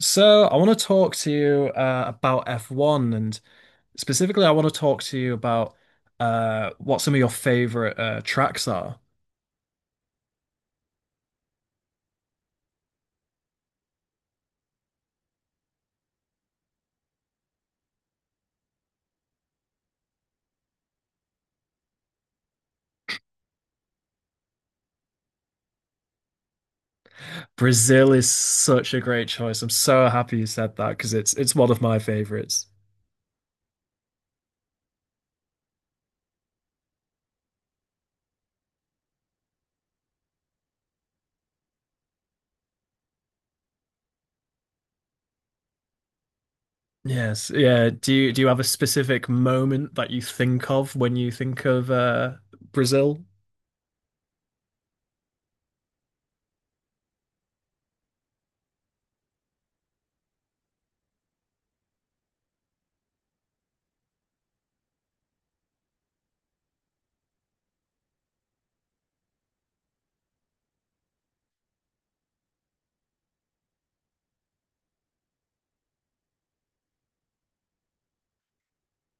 So, I want to talk to you about F1 and specifically, I want to talk to you about what some of your favorite tracks are. Brazil is such a great choice. I'm so happy you said that because it's one of my favorites. Yes, yeah. Do you have a specific moment that you think of when you think of Brazil?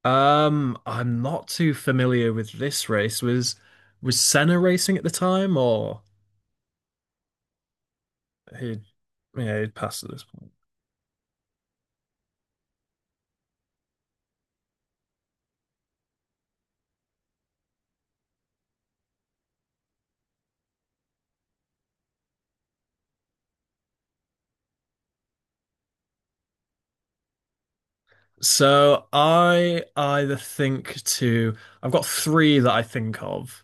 I'm not too familiar with this race. Was Senna racing at the time, or he yeah, he'd passed this. So I've got three that I think of,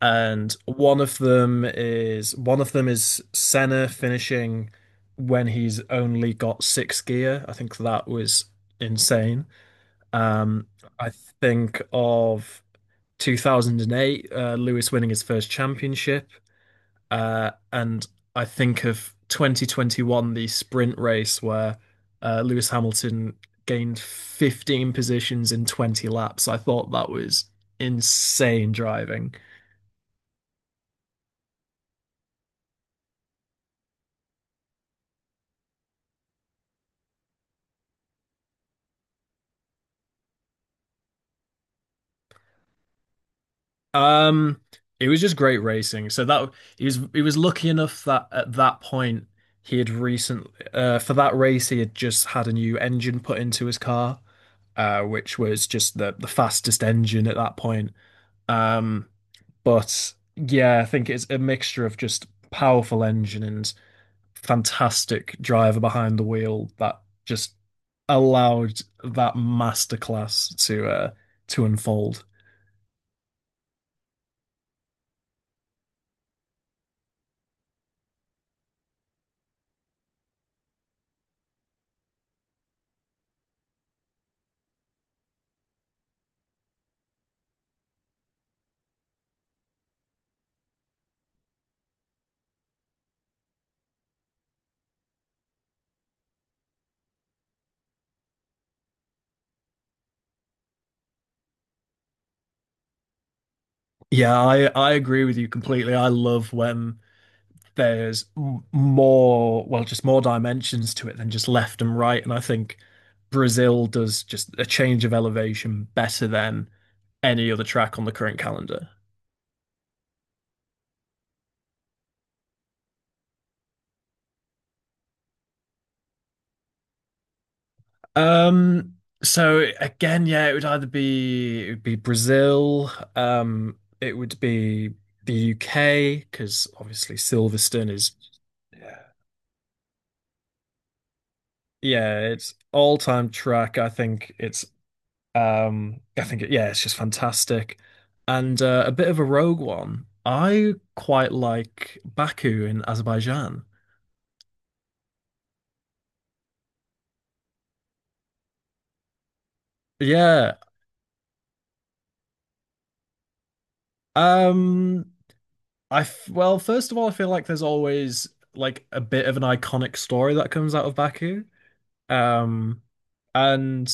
and one of them is Senna finishing when he's only got six gear. I think that was insane. Um, I think of 2008, Lewis winning his first championship. And I think of 2021, the sprint race where Lewis Hamilton gained 15 positions in 20 laps. I thought that was insane driving. Um, it was just great racing. So that He was lucky enough that at that point he had recently for that race he had just had a new engine put into his car, which was just the fastest engine at that point. Um, but yeah, I think it's a mixture of just powerful engine and fantastic driver behind the wheel that just allowed that masterclass to unfold. Yeah, I agree with you completely. I love when there's more, well, just more dimensions to it than just left and right. And I think Brazil does just a change of elevation better than any other track on the current calendar. Um, so again, yeah, it would be Brazil, it would be the UK because obviously Silverstone is yeah, it's all-time track. I think yeah, it's just fantastic. And a bit of a rogue one. I quite like Baku in Azerbaijan. Yeah. Um, I f well, first of all, I feel like there's always like a bit of an iconic story that comes out of Baku. Um, and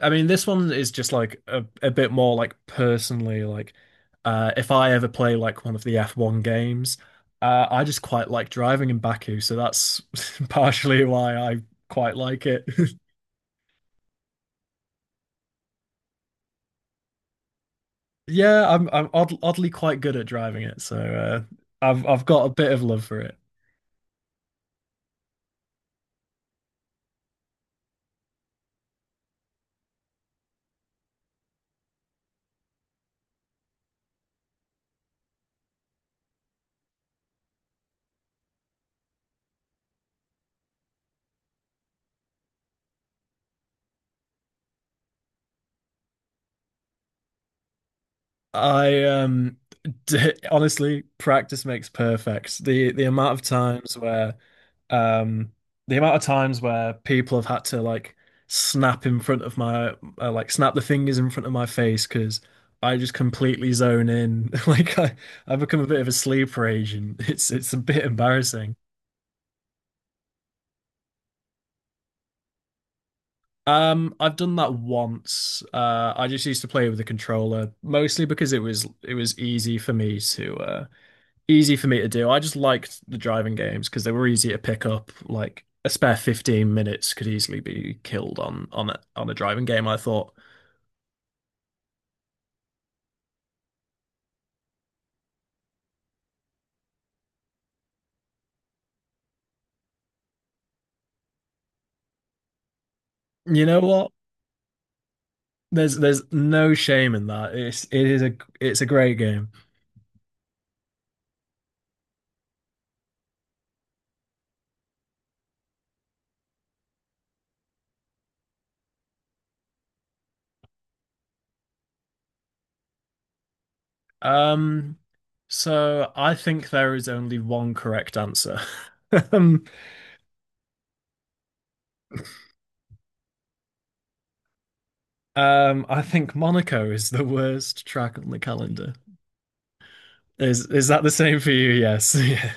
I mean, this one is just like a bit more like personally, like if I ever play like one of the F1 games, I just quite like driving in Baku, so that's partially why I quite like it. Yeah, I'm oddly quite good at driving it, so I've got a bit of love for it. I d honestly, practice makes perfect. Um, the amount of times where people have had to like snap in front of my like snap the fingers in front of my face because I just completely zone in. I become a bit of a sleeper agent. It's a bit embarrassing. I've done that once. I just used to play with the controller mostly because it was easy for me to easy for me to do. I just liked the driving games because they were easy to pick up. Like a spare 15 minutes could easily be killed on on a driving game. I thought, you know what? There's no shame in that. It is a it's a great game. Um, so I think there is only one correct answer. I think Monaco is the worst track on the calendar. Is that the same for you? Yes. Yeah.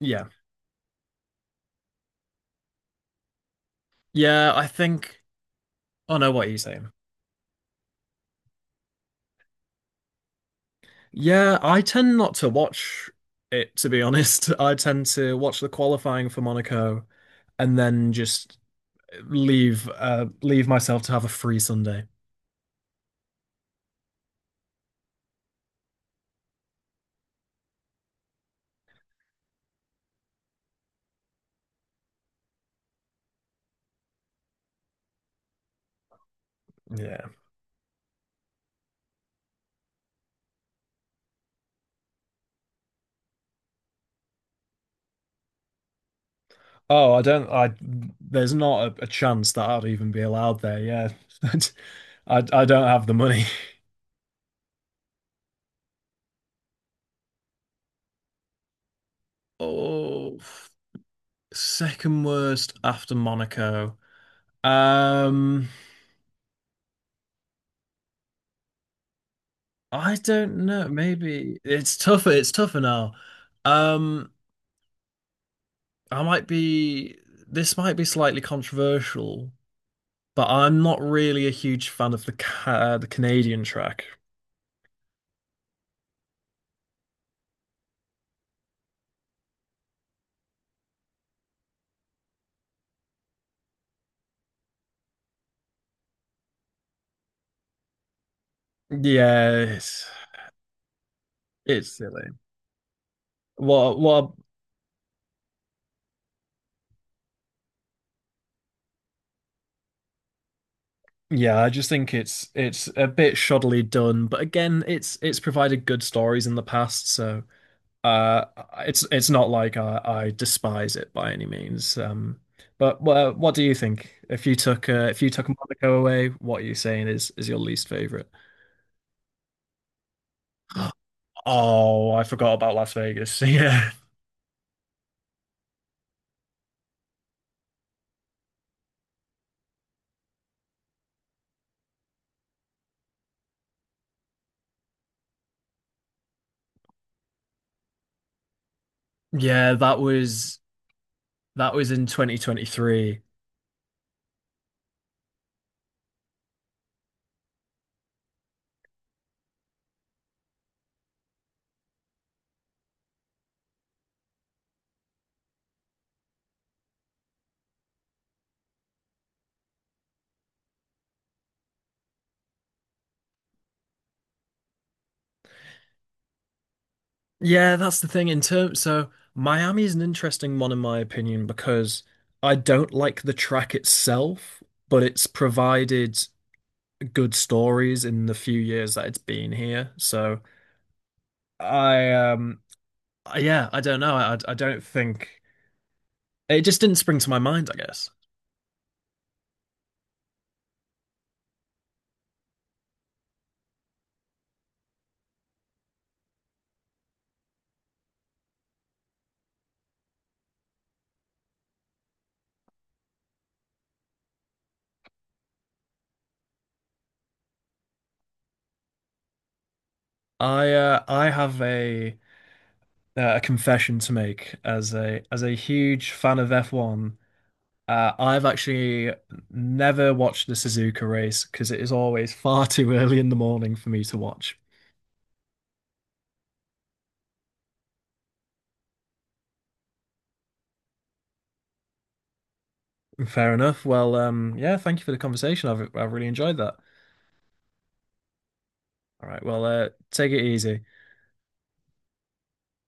Yeah. Yeah, I think. Oh no, what are you saying? Yeah, I tend not to watch it, to be honest. I tend to watch the qualifying for Monaco and then just leave leave myself to have a free Sunday. Yeah. Oh, I don't I there's not a, a chance that I'd even be allowed there. Yeah. I don't have the money. Oh, second worst after Monaco. Um, I don't know. Maybe it's tougher. It's tougher now. Um, I might be, this might be slightly controversial, but I'm not really a huge fan of the the Canadian track. Yeah, it's silly. What? What? Yeah, I just think it's a bit shoddily done, but again, it's provided good stories in the past, so uh, it's not like I despise it by any means. But well, what do you think? If you took Monaco away, what are you saying is your least favorite? Oh, I forgot about Las Vegas. Yeah. Yeah, that was in 2023. Yeah, that's the thing in terms so Miami is an interesting one in my opinion because I don't like the track itself, but it's provided good stories in the few years that it's been here. So I yeah, I don't know. I don't think it just didn't spring to my mind, I guess. I have a confession to make as a huge fan of F1. I've actually never watched the Suzuka race because it is always far too early in the morning for me to watch. Fair enough. Well, yeah, thank you for the conversation. I've really enjoyed that. All right, well, take it easy.